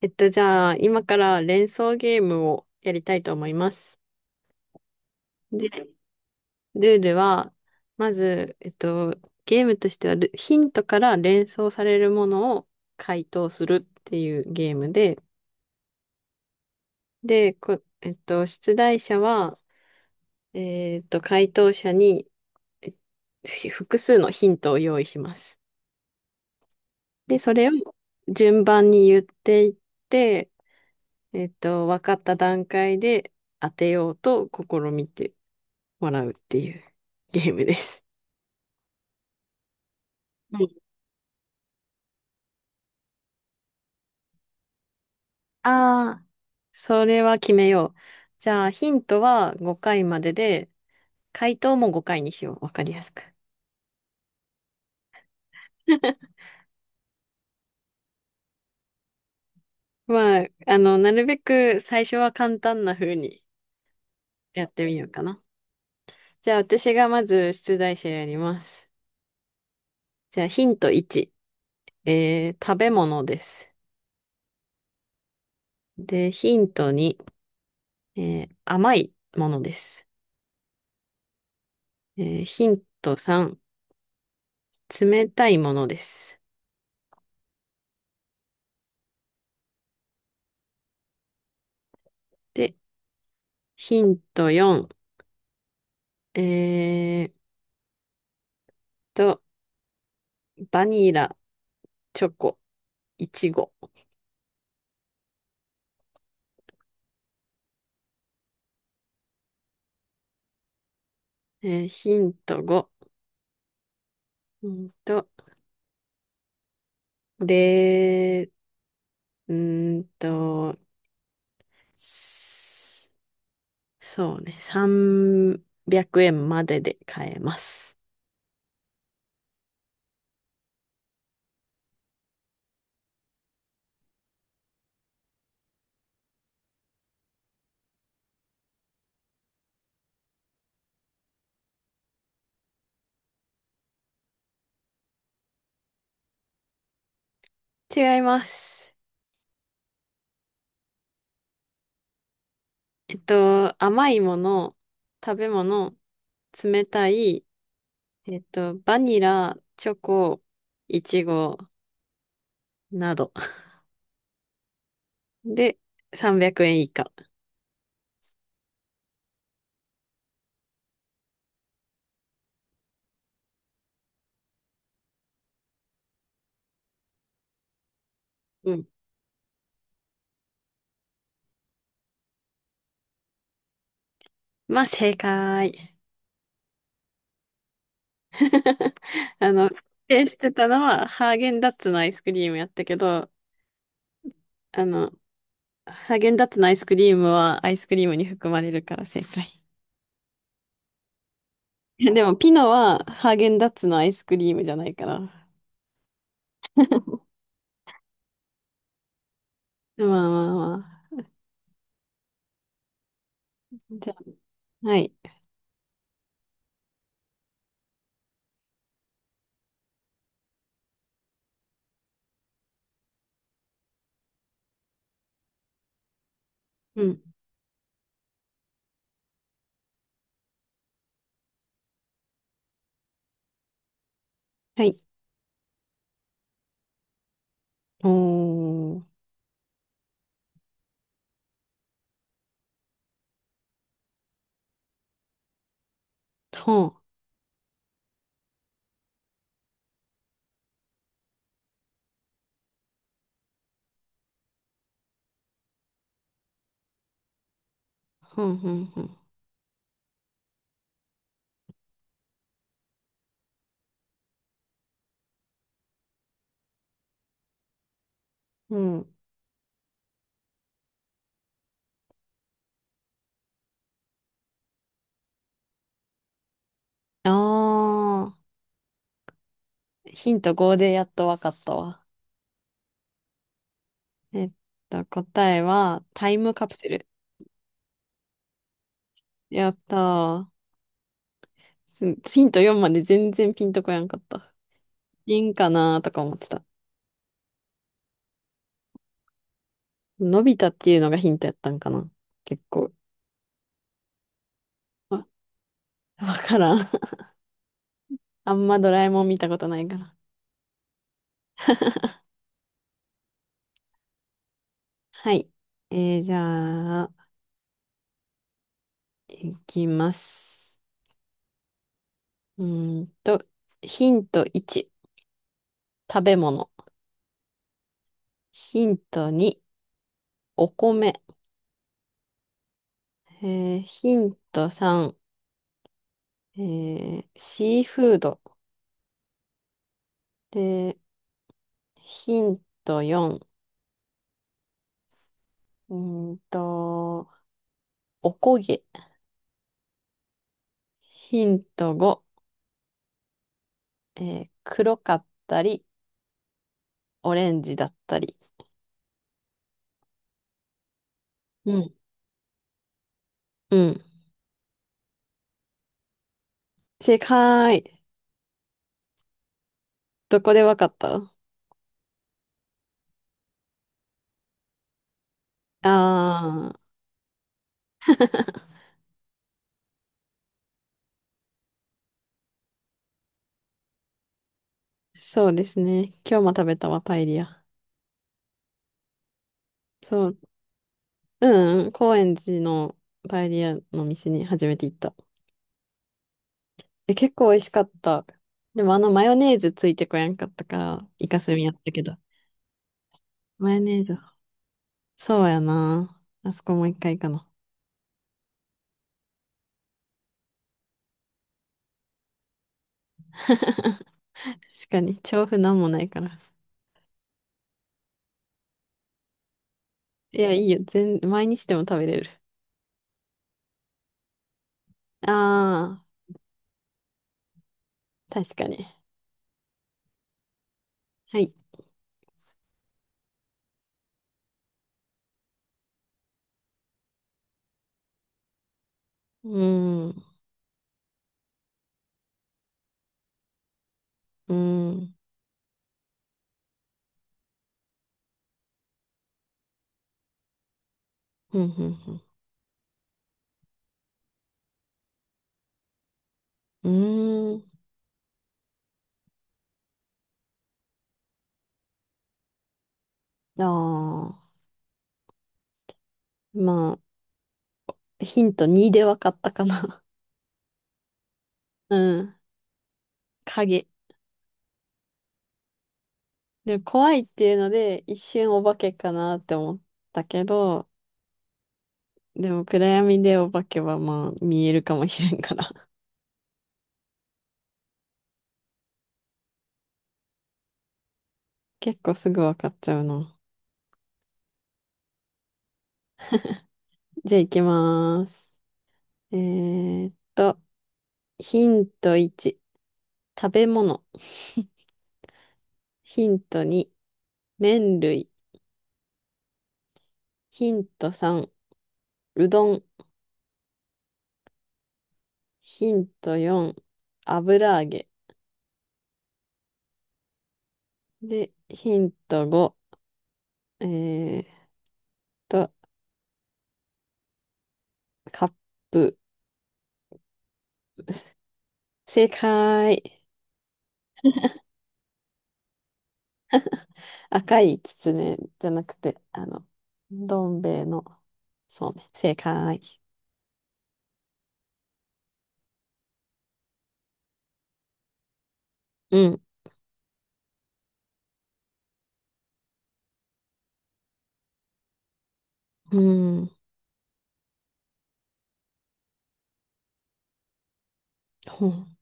じゃあ、今から連想ゲームをやりたいと思います。で、ルールは、まず、ゲームとしてはヒントから連想されるものを回答するっていうゲームで、で、こ、えっと、出題者は、回答者にえ複数のヒントを用意します。で、それを順番に言っていって、分かった段階で当てようと試みてもらうっていうゲームです。ああー、それは決めよう。じゃあ、ヒントは5回までで、回答も5回にしよう。わかりやすく。まあ、なるべく最初は簡単な風にやってみようかな。じゃあ、私がまず出題者やります。じゃあ、ヒント1、食べ物です。で、ヒント2、甘いものです。ヒント3、冷たいものです。でヒント4。えーっと、バニラ、チョコ、イチゴ。ヒント5。うんと、れー、うーんと、すそうね、300円までで買えます。違います。甘いもの、食べ物、冷たい、バニラ、チョコ、イチゴなどで300円以下。まあ、正解。否定してたのは、ハーゲンダッツのアイスクリームやったけど、あの、ハーゲンダッツのアイスクリームはアイスクリームに含まれるから正解。いやでも、ピノはハーゲンダッツのアイスクリームじゃないから。まあまあまあ。じゃあ、はい。うん。はい。おー。ほん。ほんほんほん。うん。あー。ヒント5でやっとわかったわ。えっ答えは、タイムカプセル。やったー。うん。ヒント4まで全然ピンとこやんかった。ピンかなーとか思ってた。のび太っていうのがヒントやったんかな。結構。あ、わからん。あんまドラえもん見たことないから。はい。じゃあ、いきます。うーんと、ヒント1、食べ物。ヒント2、お米。ヒント3、シーフード。で、ヒント4、うーんと、おこげ。ヒント5、黒かったり、オレンジだったり。うん。うん。正解。どこでわかった？ああー、そうですね。今日も食べたわ、パエリア。そう。うんうん、高円寺のパエリアの店に初めて行った。え、結構美味しかった。でもあのマヨネーズついてこやんかったから、イカスミやったけど。マヨネーズ。そうやな。あそこもう一回かな。確かに、調布なんもないから。いや、いいよ。毎日でも食べれる。ああ、確かに。はい。うーん、うーん、ふんふんふん。うーん。ああ、まあ、ヒント2で分かったかな。うん。影。でも怖いっていうので、一瞬お化けかなって思ったけど、でも暗闇でお化けはまあ見えるかもしれんから。結構すぐ分かっちゃうな。じゃあ行きます。えーっと、ヒント1。食べ物。ヒント2、麺類。ヒント3、うどん。ヒント4、油揚げ。で、ヒント5、えーっと、カップ。正解。赤いきつねじゃなくて、どん兵衛の、そうね、正解。うん、うん、ほん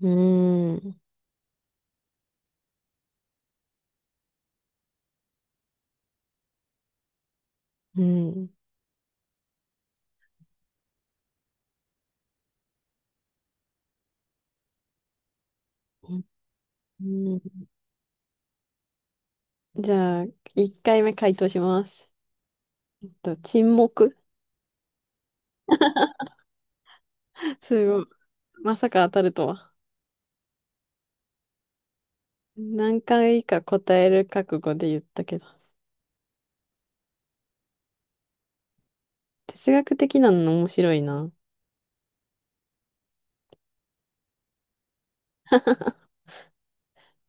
うん、うん、うん。じゃあ、1回目回答します。沈黙。 すごい。まさか当たるとは。何回か答える覚悟で言ったけど。哲学的なの面白いな。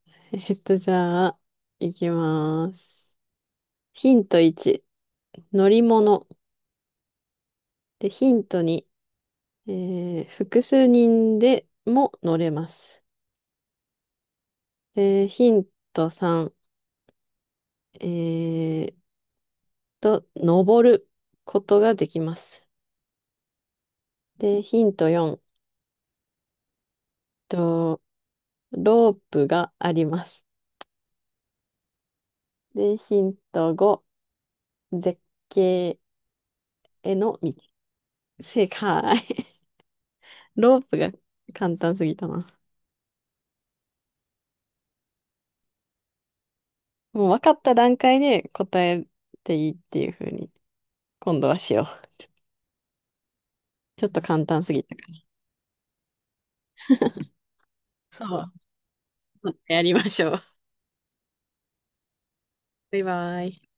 じゃあ、いきまーす。ヒント1、乗り物。で、ヒント2、え複数人でも乗れます。で、ヒント3、えー登ることができます。で、ヒント4、と、ロープがあります。で、ヒント5、絶景への道。正解。ロープが簡単すぎたな。もう分かった段階で答えていいっていう風に、今度はしよう。ちょっと簡単すぎたから。そう。またやりましょう。バイバイ。